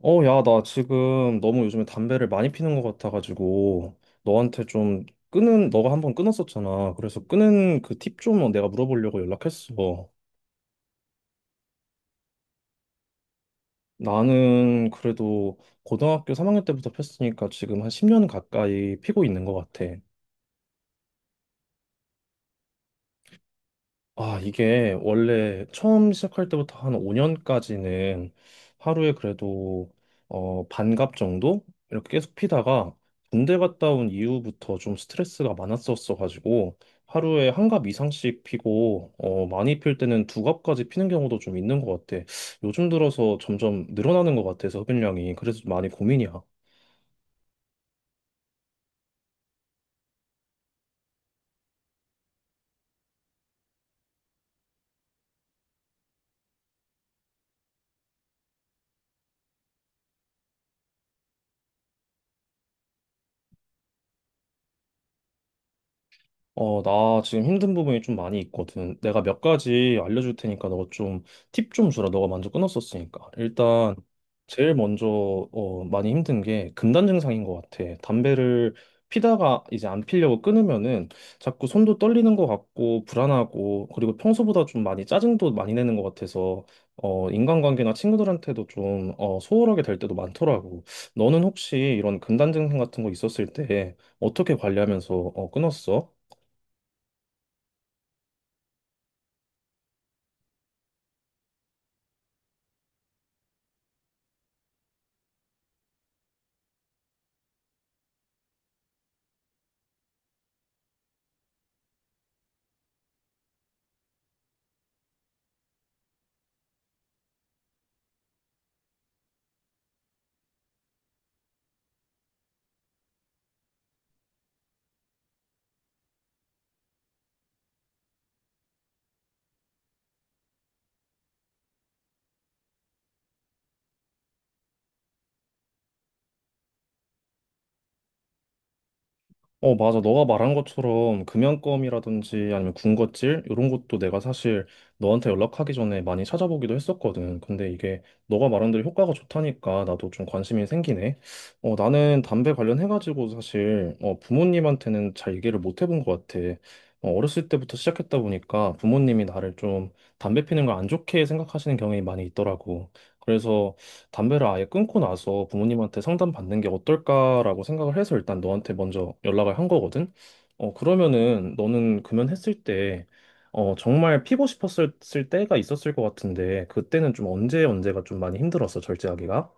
야, 나 지금 너무 요즘에 담배를 많이 피는 것 같아가지고, 너가 한번 끊었었잖아. 그래서 끊은 그 팁 좀 내가 물어보려고 연락했어. 나는 그래도 고등학교 3학년 때부터 폈으니까 지금 한 10년 가까이 피고 있는 것 같아. 아, 이게 원래 처음 시작할 때부터 한 5년까지는 하루에 그래도 반갑 정도? 이렇게 계속 피다가 군대 갔다 온 이후부터 좀 스트레스가 많았었어가지고 하루에 한갑 이상씩 피고 많이 필 때는 두 갑까지 피는 경우도 좀 있는 것 같아. 요즘 들어서 점점 늘어나는 것 같아서 흡연량이. 그래서 많이 고민이야. 나 지금 힘든 부분이 좀 많이 있거든. 내가 몇 가지 알려줄 테니까 너가 좀 팁 좀 주라. 너가 먼저 끊었었으니까. 일단 제일 먼저 많이 힘든 게 금단 증상인 것 같아. 담배를 피다가 이제 안 피려고 끊으면은 자꾸 손도 떨리는 것 같고 불안하고 그리고 평소보다 좀 많이 짜증도 많이 내는 것 같아서 인간관계나 친구들한테도 좀 소홀하게 될 때도 많더라고. 너는 혹시 이런 금단 증상 같은 거 있었을 때 어떻게 관리하면서 끊었어? 맞아. 너가 말한 것처럼 금연검이라든지 아니면 군것질 이런 것도 내가 사실 너한테 연락하기 전에 많이 찾아보기도 했었거든. 근데 이게 너가 말한 대로 효과가 좋다니까 나도 좀 관심이 생기네. 나는 담배 관련해가지고 사실 부모님한테는 잘 얘기를 못 해본 것 같아. 어렸을 때부터 시작했다 보니까 부모님이 나를 좀 담배 피는 걸 안 좋게 생각하시는 경향이 많이 있더라고. 그래서 담배를 아예 끊고 나서 부모님한테 상담받는 게 어떨까라고 생각을 해서 일단 너한테 먼저 연락을 한 거거든. 그러면은 너는 금연했을 때, 정말 피고 싶었을 때가 있었을 것 같은데, 그때는 좀 언제 언제가 좀 많이 힘들었어, 절제하기가?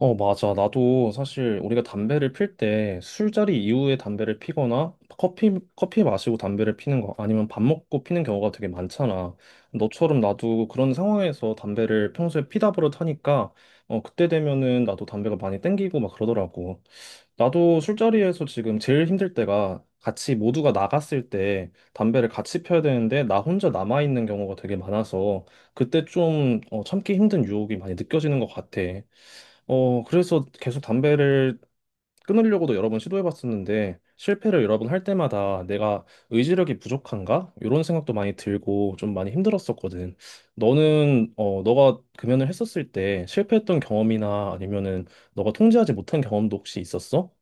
맞아. 나도 사실 우리가 담배를 필 때 술자리 이후에 담배를 피거나 커피 마시고 담배를 피는 거 아니면 밥 먹고 피는 경우가 되게 많잖아. 너처럼 나도 그런 상황에서 담배를 평소에 피다 버릇하니까 그때 되면은 나도 담배가 많이 땡기고 막 그러더라고. 나도 술자리에서 지금 제일 힘들 때가 같이 모두가 나갔을 때 담배를 같이 펴야 되는데 나 혼자 남아 있는 경우가 되게 많아서 그때 좀 참기 힘든 유혹이 많이 느껴지는 것 같아. 그래서 계속 담배를 끊으려고도 여러 번 시도해봤었는데 실패를 여러 번 할 때마다 내가 의지력이 부족한가? 이런 생각도 많이 들고 좀 많이 힘들었었거든. 너는 너가 금연을 했었을 때 실패했던 경험이나 아니면은 너가 통제하지 못한 경험도 혹시 있었어?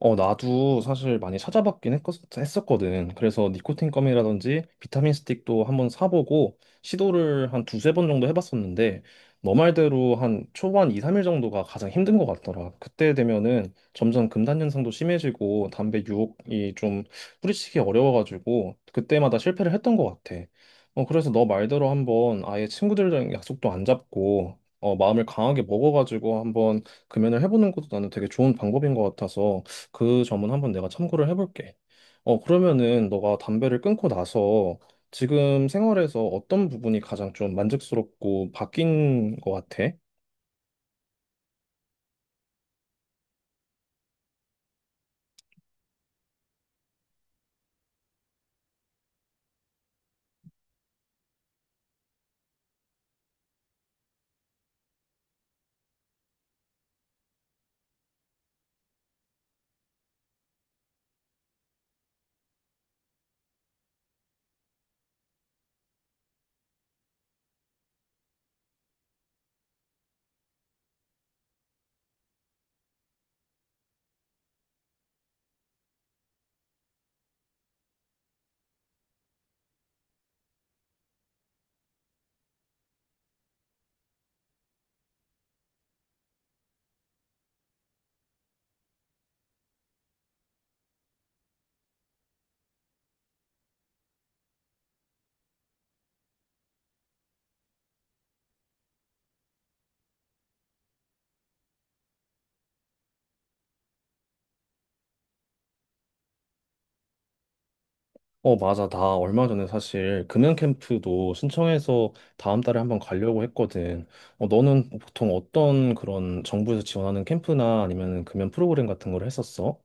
나도 사실 많이 찾아봤긴 했었거든. 그래서 니코틴 껌이라든지 비타민 스틱도 한번 사보고 시도를 한 두세 번 정도 해봤었는데 너 말대로 한 초반 2, 3일 정도가 가장 힘든 것 같더라. 그때 되면은 점점 금단 현상도 심해지고 담배 유혹이 좀 뿌리치기 어려워가지고 그때마다 실패를 했던 것 같아. 그래서 너 말대로 한번 아예 친구들이랑 약속도 안 잡고 마음을 강하게 먹어가지고 한번 금연을 해보는 것도 나는 되게 좋은 방법인 것 같아서 그 점은 한번 내가 참고를 해볼게. 그러면은 너가 담배를 끊고 나서 지금 생활에서 어떤 부분이 가장 좀 만족스럽고 바뀐 것 같아? 맞아. 나 얼마 전에 사실 금연 캠프도 신청해서 다음 달에 한번 가려고 했거든. 너는 보통 어떤 그런 정부에서 지원하는 캠프나 아니면 금연 프로그램 같은 걸 했었어?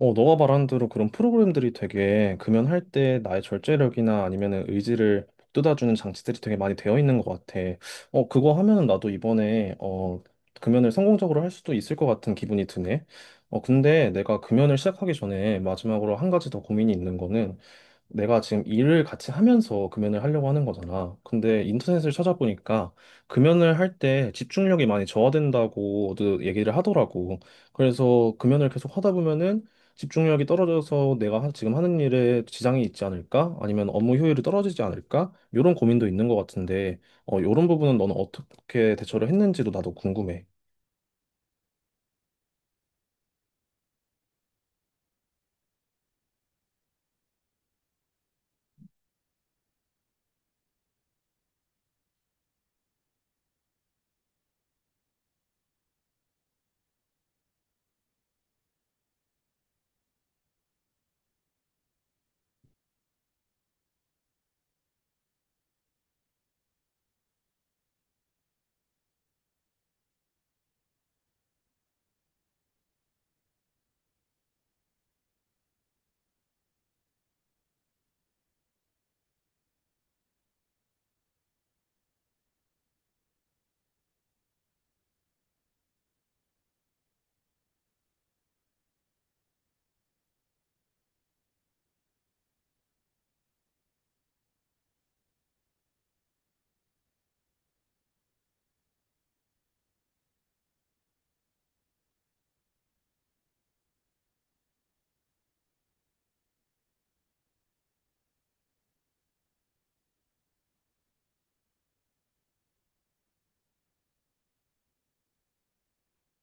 너가 말한 대로 그런 프로그램들이 되게 금연할 때 나의 절제력이나 아니면은 의지를 북돋아주는 장치들이 되게 많이 되어 있는 것 같아. 그거 하면은 나도 이번에 금연을 성공적으로 할 수도 있을 것 같은 기분이 드네. 근데 내가 금연을 시작하기 전에 마지막으로 한 가지 더 고민이 있는 거는 내가 지금 일을 같이 하면서 금연을 하려고 하는 거잖아. 근데 인터넷을 찾아보니까 금연을 할 때 집중력이 많이 저하된다고도 얘기를 하더라고. 그래서 금연을 계속 하다 보면은 집중력이 떨어져서 내가 지금 하는 일에 지장이 있지 않을까? 아니면 업무 효율이 떨어지지 않을까? 이런 고민도 있는 것 같은데, 이런 부분은 너는 어떻게 대처를 했는지도 나도 궁금해.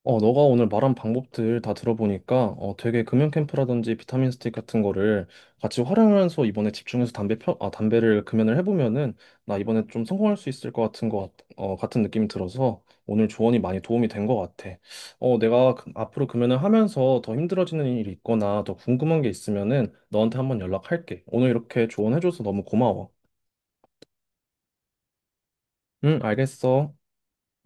너가 오늘 말한 방법들 다 들어보니까 되게 금연 캠프라든지 비타민 스틱 같은 거를 같이 활용하면서 이번에 집중해서 담배를 금연을 해보면은 나 이번에 좀 성공할 수 있을 것 같은 것 같은 느낌이 들어서 오늘 조언이 많이 도움이 된 것 같아. 내가 앞으로 금연을 하면서 더 힘들어지는 일이 있거나 더 궁금한 게 있으면은 너한테 한번 연락할게. 오늘 이렇게 조언해줘서 너무 고마워. 응, 알겠어.